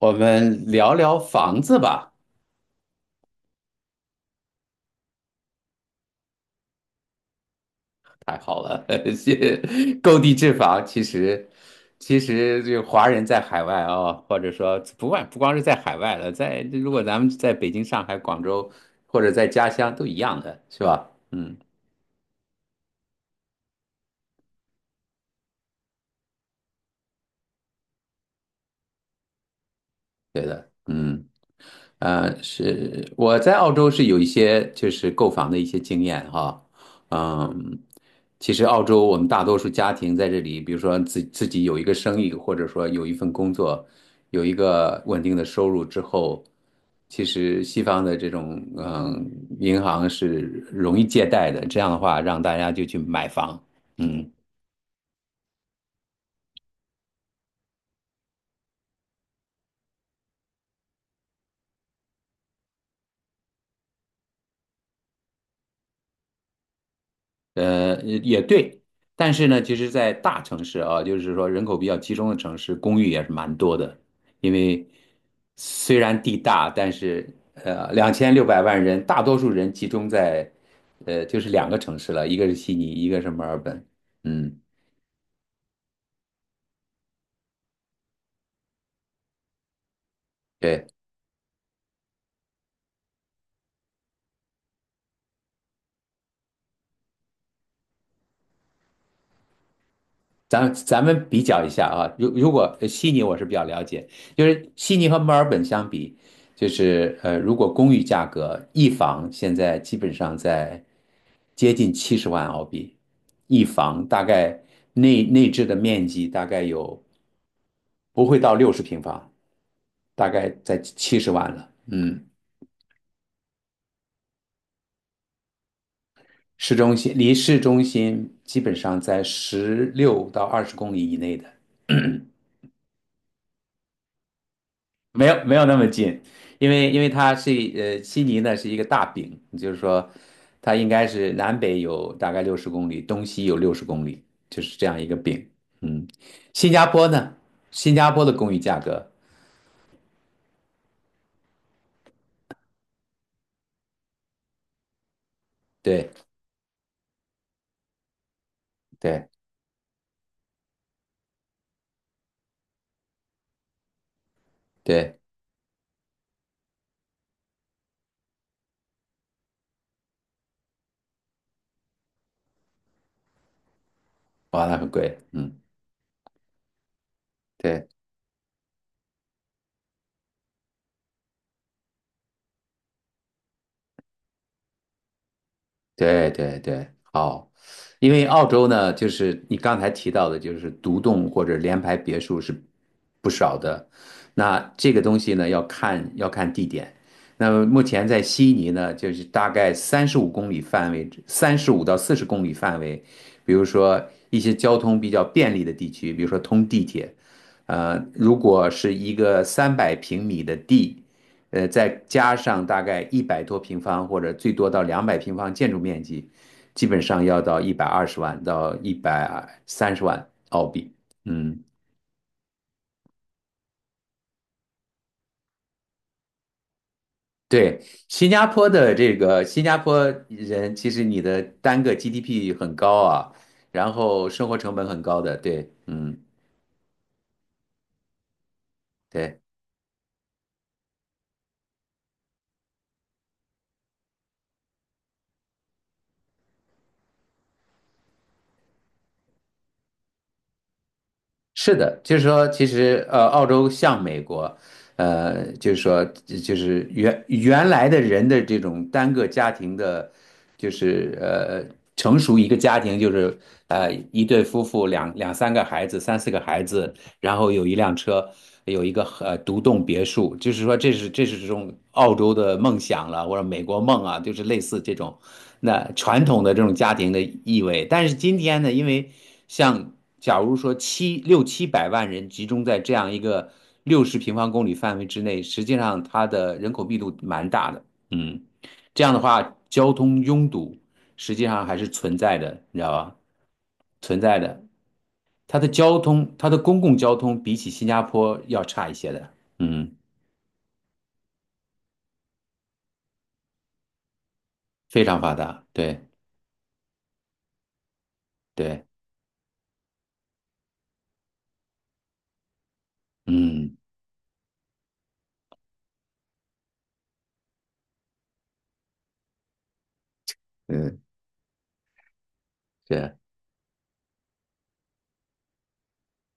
我们聊聊房子吧，太好了，谢购地置房。其实，这个华人在海外啊、或者说不光是在海外了，在如果咱们在北京、上海、广州或者在家乡都一样的，是吧？嗯嗯。是我在澳洲是有一些就是购房的一些经验哈，嗯，其实澳洲我们大多数家庭在这里，比如说自己有一个生意，或者说有一份工作，有一个稳定的收入之后，其实西方的这种银行是容易借贷的，这样的话让大家就去买房，嗯。也对，但是呢，其实，在大城市啊，就是说人口比较集中的城市，公寓也是蛮多的，因为虽然地大，但是2600万人，大多数人集中在就是两个城市了，一个是悉尼，一个是墨尔本，嗯。对。咱们比较一下啊，如果悉尼我是比较了解，就是悉尼和墨尔本相比，就是如果公寓价格一房现在基本上在接近70万澳币，一房大概内置的面积大概有不会到六十平方，大概在七十万了。嗯，市中心离市中心基本上在16到20公里以内的。没有没有那么近，因为它是悉尼呢是一个大饼，就是说它应该是南北有大概六十公里，东西有六十公里，就是这样一个饼。嗯，新加坡呢，新加坡的公寓价格，对对对，哇，那很贵，嗯。对。对对对，好，因为澳洲呢，就是你刚才提到的，就是独栋或者联排别墅是不少的。那这个东西呢，要看地点。那么目前在悉尼呢，就是大概35公里范围，35到40公里范围，比如说一些交通比较便利的地区，比如说通地铁，如果是一个300平米的地。再加上大概100多平方或者最多到200平方建筑面积，基本上要到120万到130万澳币。嗯，对，新加坡的这个新加坡人，其实你的单个 GDP 很高啊，然后生活成本很高的，对，嗯，对。是的，就是说，其实澳洲像美国，就是说，就是原来的人的这种单个家庭的，就是成熟一个家庭就是一对夫妇两三个孩子，三四个孩子，然后有一辆车，有一个独栋别墅，就是说这是这种澳洲的梦想了，或者美国梦啊，就是类似这种那传统的这种家庭的意味。但是今天呢，因为像。假如说700万人集中在这样一个60平方公里范围之内，实际上它的人口密度蛮大的。嗯，这样的话，交通拥堵实际上还是存在的，你知道吧？存在的，它的交通，它的公共交通比起新加坡要差一些的。嗯，非常发达。对对，嗯嗯，对。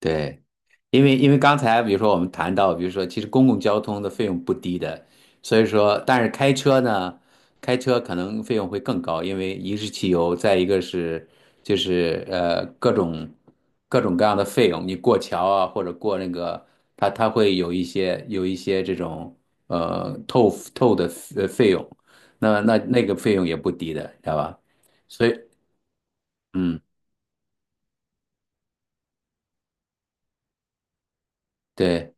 对，因为刚才比如说我们谈到，比如说其实公共交通的费用不低的，所以说但是开车呢，开车可能费用会更高，因为一是汽油，再一个是就是各种各样的费用，你过桥啊或者过那个它会有一些这种呃透透的费用，那个费用也不低的，知道吧？所以嗯对。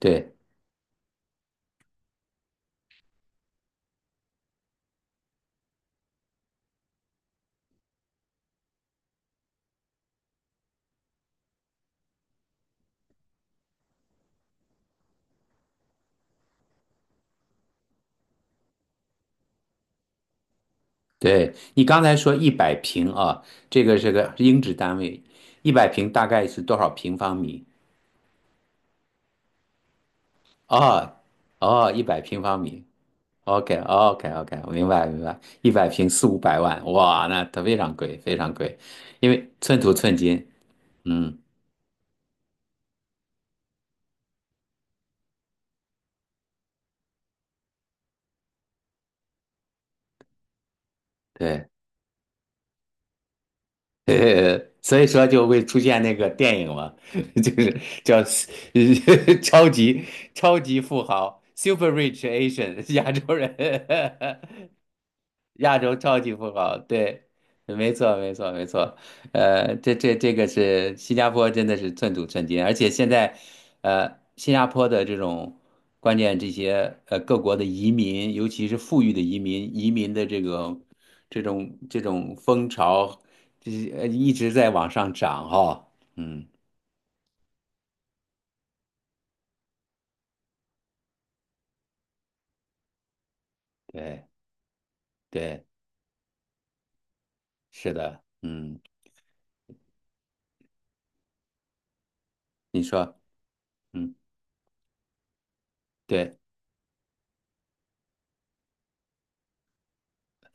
对对，你刚才说一百平啊，这个是个英制单位，一百平大概是多少平方米？哦，哦，100平方米。o k o k o k 我明白明白。100平四五百万，哇，那它非常贵，非常贵，因为寸土寸金。嗯，对，所以说就会出现那个电影嘛，就是叫 超级超级富豪 （Super Rich Asian） 亚洲人。亚洲超级富豪，对，没错，没错，没错。这个是新加坡，真的是寸土寸金，而且现在，新加坡的这种关键这些各国的移民，尤其是富裕的移民，移民的这个这种风潮，这一直在往上涨哈、嗯，对对，是的，嗯，你说，嗯，对。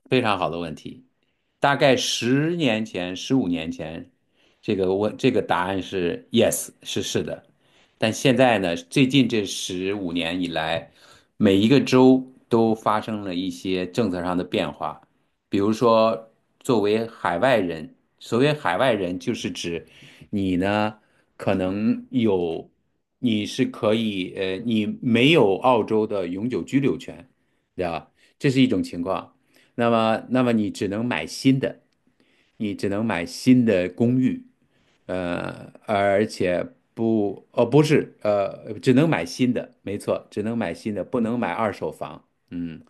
非常好的问题。大概10年前、15年前，这个问这个答案是 yes，是的。但现在呢，最近这十五年以来，每一个州都发生了一些政策上的变化。比如说，作为海外人，所谓海外人，就是指你呢，可能有，你是可以，你没有澳洲的永久居留权，对吧？这是一种情况。那么，你只能买新的，你只能买新的公寓，而且不，哦，不是，只能买新的，没错，只能买新的，不能买二手房，嗯，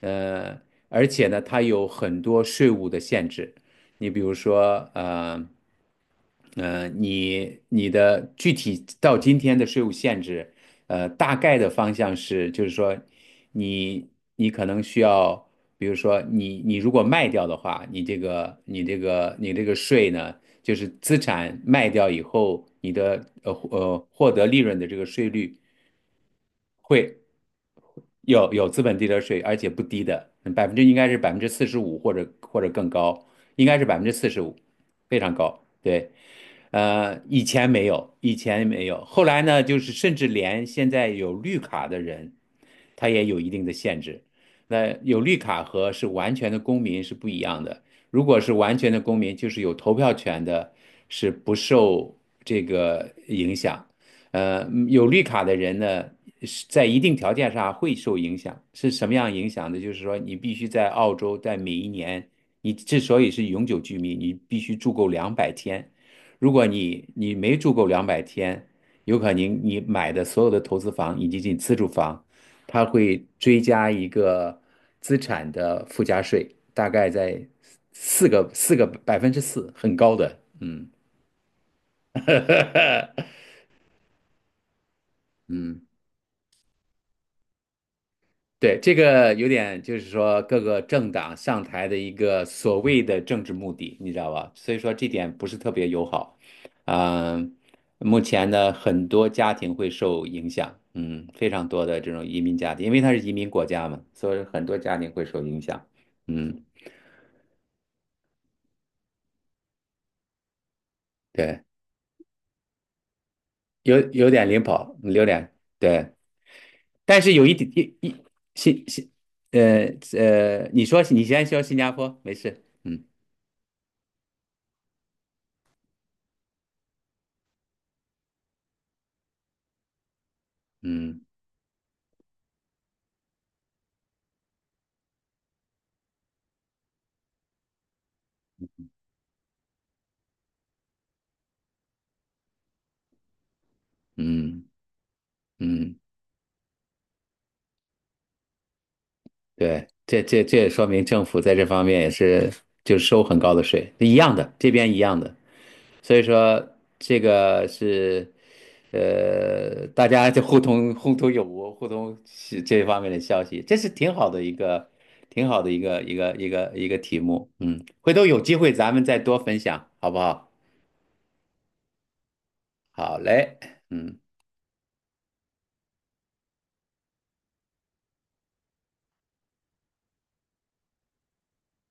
呃，而且呢，它有很多税务的限制，你比如说。你的具体到今天的税务限制，大概的方向是，就是说你你可能需要，比如说你如果卖掉的话，你这个税呢，就是资产卖掉以后，你的获得利润的这个税率会。有资本利得税，而且不低的，百分之应该是百分之四十五或者更高，应该是百分之四十五，非常高。对，以前没有，以前没有，后来呢，就是甚至连现在有绿卡的人，他也有一定的限制。那有绿卡和是完全的公民是不一样的。如果是完全的公民，就是有投票权的，是不受这个影响；有绿卡的人呢，是在一定条件上会受影响。是什么样影响呢？就是说，你必须在澳洲，在每一年，你之所以是永久居民，你必须住够两百天。如果你没住够两百天，有可能你买的所有的投资房以及你自住房，它会追加一个资产的附加税，大概在四个四个百分之四，很高的。嗯，嗯。对，这个有点就是说各个政党上台的一个所谓的政治目的，你知道吧？所以说这点不是特别友好。嗯、目前呢，很多家庭会受影响，嗯，非常多的这种移民家庭，因为它是移民国家嘛，所以很多家庭会受影响。嗯，对，有点领跑，有点对，但是有一点一一新新呃呃，你说你先说新加坡，没事，嗯嗯嗯。嗯，对，这也说明政府在这方面也是就是收很高的税，一样的，这边一样的。所以说这个是，大家就互通有无，互通是这方面的消息，这是挺好的一个，挺好的一个题目。嗯，回头有机会咱们再多分享，好不好？好嘞，嗯。